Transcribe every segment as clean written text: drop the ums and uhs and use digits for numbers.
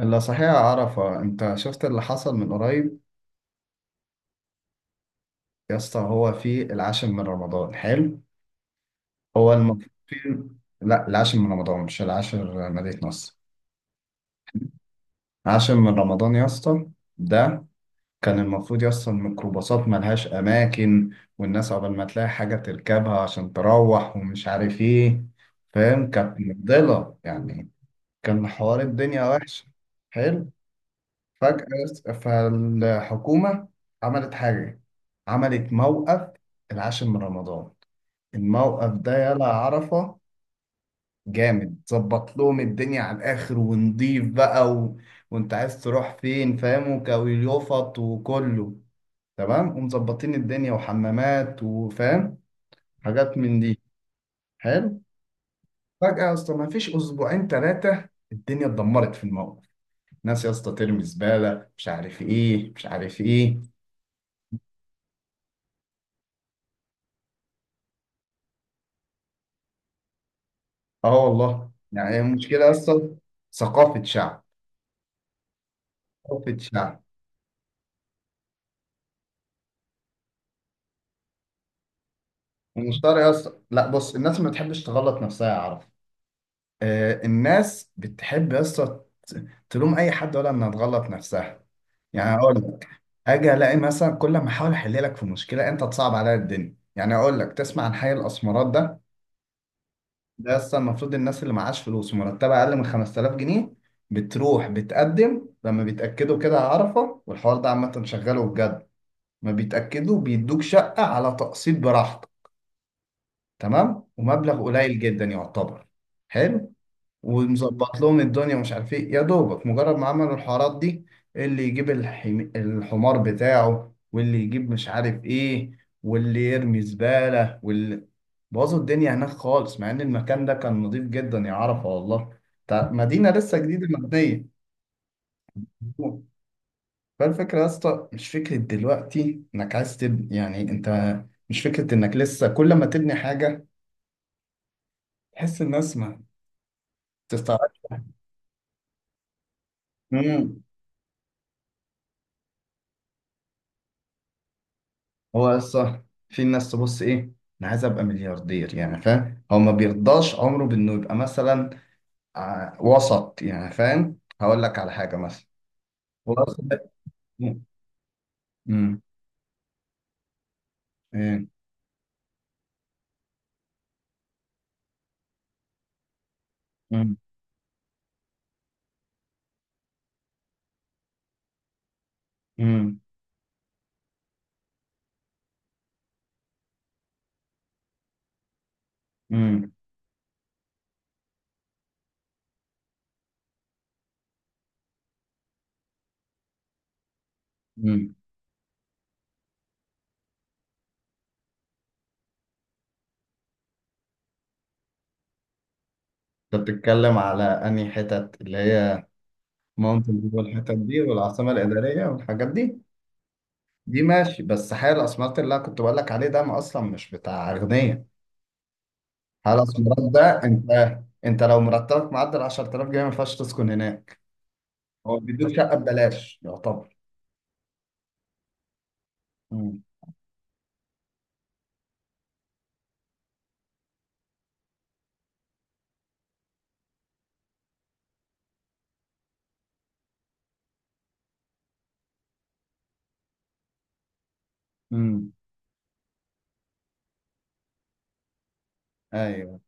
اللي صحيح عرفة، انت شفت اللي حصل من قريب؟ يا اسطى، هو في العاشر من رمضان، حلو. هو المفروض في، لا العاشر من رمضان مش العاشر مدينة نصر. العاشر من رمضان يا اسطى ده، كان المفروض يا اسطى الميكروباصات ملهاش أماكن، والناس عقبال ما تلاقي حاجة تركبها عشان تروح ومش عارف ايه. فاهم؟ كانت مفضلة يعني، كان حوار الدنيا وحش. حلو. فجأة فالحكومة عملت حاجة، عملت موقف العاشر من رمضان. الموقف ده يلا عرفة جامد، ظبط لهم الدنيا على الآخر، ونضيف بقى وانت عايز تروح فين، فاهم، وكويليوفط وكله تمام، ومظبطين الدنيا وحمامات وفاهم، حاجات من دي. حلو. فجأة يا اسطى، ما فيش أسبوعين ثلاثة الدنيا اتدمرت في الموقف. ناس يا اسطى ترمي زبالة، مش عارف ايه مش عارف ايه. اه والله، يعني هي المشكله اصلا ثقافه شعب. ثقافه شعب. المشتري يا اسطى، لا بص، الناس ما بتحبش تغلط نفسها يا عرف. آه، الناس بتحب يا اسطى تلوم اي حد ولا انها تغلط نفسها. يعني اقول لك، اجي الاقي مثلا كل ما احاول احل لك في مشكله انت تصعب عليا الدنيا. يعني اقول لك، تسمع عن حي الاسمرات ده؟ ده يا اسطى المفروض الناس اللي معاش فلوس مرتبه اقل من 5000 جنيه بتروح بتقدم، لما بيتاكدوا كده على عرفه، والحوار ده عامه شغاله بجد. ما بيتأكدوا بيدوك شقة على تقسيط براحتك، تمام، ومبلغ قليل جدا يعتبر. حلو. ومظبط لهم الدنيا ومش عارف ايه. يا دوبك مجرد ما عملوا الحوارات دي، اللي يجيب الحمار بتاعه، واللي يجيب مش عارف ايه، واللي يرمي زبالة، واللي بوظوا الدنيا هناك خالص. مع ان المكان ده كان نظيف جدا يا عرفة والله، مدينة لسه جديدة مبنية. فالفكرة يا اسطى مش فكرة دلوقتي انك عايز تبني، يعني انت مش فكرة انك لسه كل ما تبني حاجة تحس الناس ما تستعرض. امم هو يا اسطى في ناس تبص ايه، انا عايز ابقى ملياردير، يعني فاهم؟ هو ما بيرضاش عمره بانه يبقى مثلا وسط. يعني فاهم؟ هقول لك على حاجة مثلا، هو اصلا امم ايه؟ امم امم امم امم انت بتتكلم على انهي حتت، اللي هي ماونتن فيو والحتت دي والعاصمة الإدارية والحاجات دي؟ دي ماشي، بس حي الاسمرات اللي انا كنت بقول لك عليه ده، ما اصلا مش بتاع اغنياء. حي الاسمرات ده، انت انت لو مرتبك معدل 10000 جنيه، ما ينفعش تسكن هناك. هو بيدوك شقه ببلاش يعتبر. امم امم ايوه،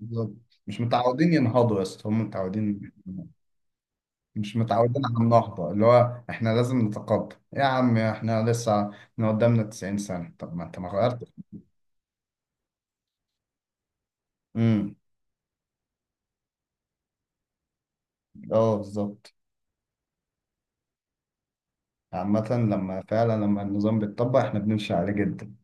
بالظبط مش متعودين ينهضوا يا اسطى، هم متعودين مش متعودين على النهضه. اللي هو احنا لازم نتقدم يا عم، احنا لسه إحنا قدامنا 90 سنه، طب ما انت ما غيرت. امم اه بالظبط، عامة لما فعلا لما النظام بيتطبق، احنا بنمشي عليه جدا.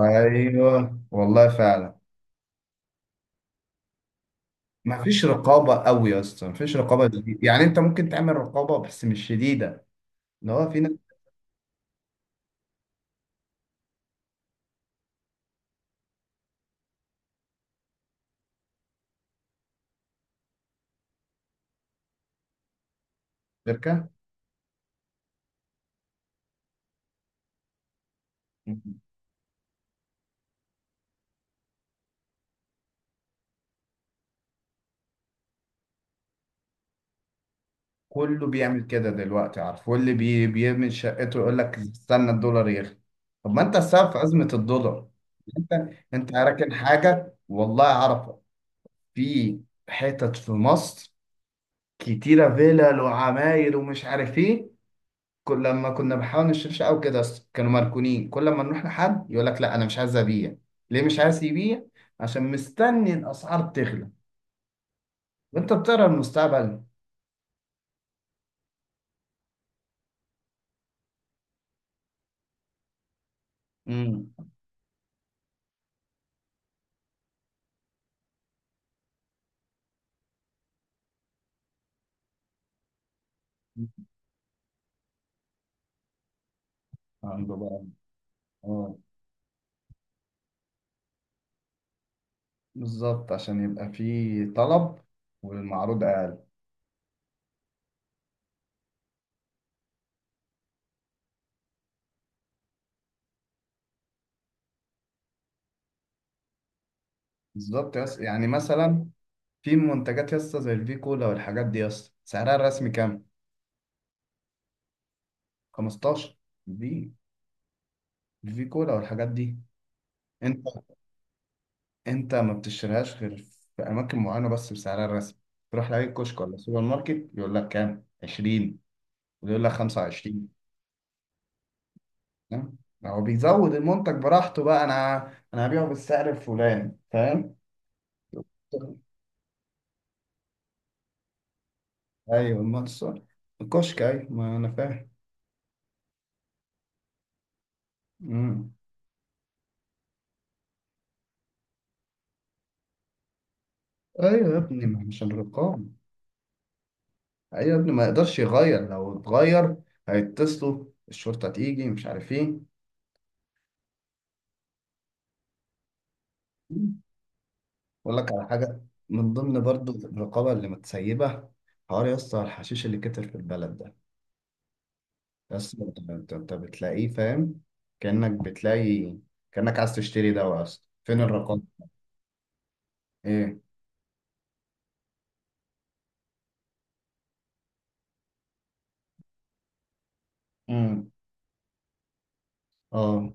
ايوه والله فعلا، ما فيش رقابه قوي يا اسطى، ما فيش رقابه دي. يعني انت ممكن تعمل رقابه بس مش شديده. اللي هو في ناس، شركه. كله بيعمل كده دلوقتي، عارف؟ واللي بي بيعمل شقته يقول لك استنى الدولار يغلى. طب ما انت السبب في ازمه الدولار. انت، انت راكن حاجه والله عارفه. في حتت في مصر كتيره، فيلل وعماير ومش عارف ايه، كل لما كنا بنحاول نشتريش او كده، أصل كانوا مركونين. كل لما نروح لحد يقول لك لا انا مش عايز ابيع. ليه مش عايز يبيع؟ عشان مستني الاسعار تغلى، وانت بتقرا المستقبل. امم عنده بقى. اه بالظبط، عشان يبقى في طلب والمعروض اقل. بالظبط. يس يعني مثلا، في منتجات يسطا زي الفي كولا والحاجات دي، يسطا سعرها الرسمي كام؟ 15. دي الفي كولا والحاجات دي، انت انت ما بتشتريهاش غير في اماكن معينه بس بسعرها الرسمي. تروح لاي كشك ولا سوبر ماركت يقول لك كام، 20، ويقول لك 25. فاهم؟ هو بيزود المنتج براحته. بقى انا، انا هبيعه بالسعر الفلاني، فاهم؟ ايوه، ما الصور، الكشك، ايوه ما انا فاهم. مم. ايوه يا ابني، ما مش الرقابه. ايوه يا ابني، ما يقدرش يغير، لو اتغير هيتصلوا الشرطه تيجي مش عارف ايه. اقول لك على حاجه، من ضمن برضو الرقابه اللي متسيبه، حوار يا اسطى الحشيش اللي كتر في البلد ده. يا اسطى انت انت أنت بتلاقيه، فاهم؟ كانك بتلاقي، كانك عايز تشتري دواء. اصلا فين الرقابه؟ ايه؟ امم اه.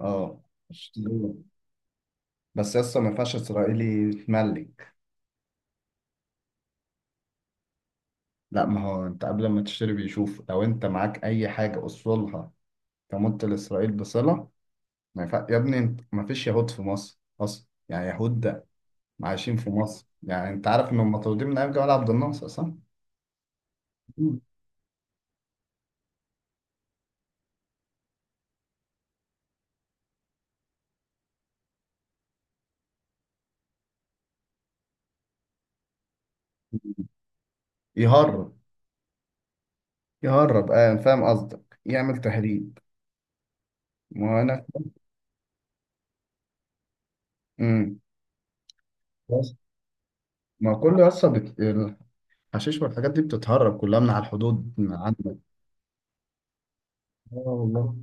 اه، اشتري. بس يا اسطى، ما ينفعش اسرائيلي يتملك. لا، ما هو انت قبل ما تشتري بيشوف لو انت معاك اي حاجه اصولها تمت لاسرائيل بصله ما ينفع يا ابني. انت ما فيش يهود في مصر اصلا، يعني يهود عايشين في مصر. يعني انت عارف انهم مطرودين من ايام جمال عبد الناصر، صح؟ مم. يهرب. يهرب، اه فاهم قصدك، يعمل تهريب. ما انا امم بس، ما كل يسطا الحشيش والحاجات دي بتتهرب كلها من على الحدود من عندك. اه والله،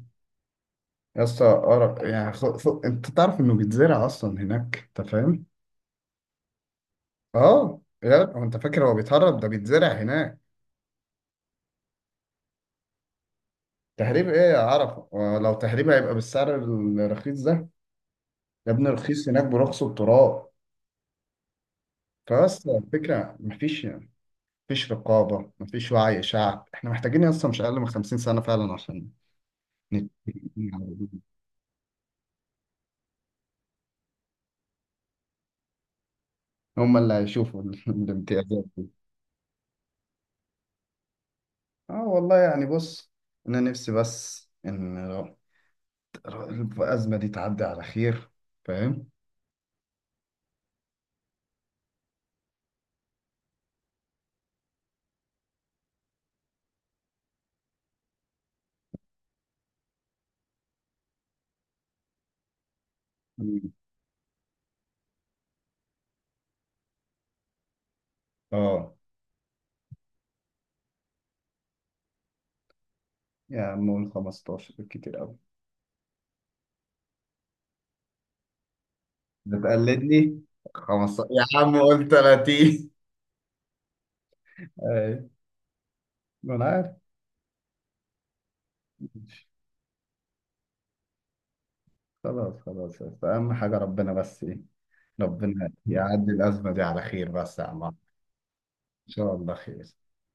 يسطا قرف يعني. انت تعرف انه بيتزرع اصلا هناك، انت فاهم؟ اه، يا هو انت فاكر هو بيتهرب؟ ده بيتزرع هناك. تهريب ايه يا عرفه؟ ولو تهريب، هيبقى بالسعر الرخيص ده يا ابني؟ رخيص هناك برخص التراب. فاصلا الفكره مفيش، مفيش رقابه، مفيش وعي شعب. احنا محتاجين اصلا مش اقل من 50 سنه فعلا عشان نتفق على هم اللي هيشوفوا الامتيازات دي. اه والله، يعني بص، انا نفسي بس ان الازمه دي تعدي على خير، فاهم؟ مم. اه. يا عم قول 15 بالكتير قوي. بتقلدني. 15 يا عم، قول 30. اي، ما انا عارف. خلاص خلاص، بس اهم حاجه ربنا بس ايه، ربنا يعدي الأزمة دي على خير بس يا عم عمرو. إن شاء الله خير.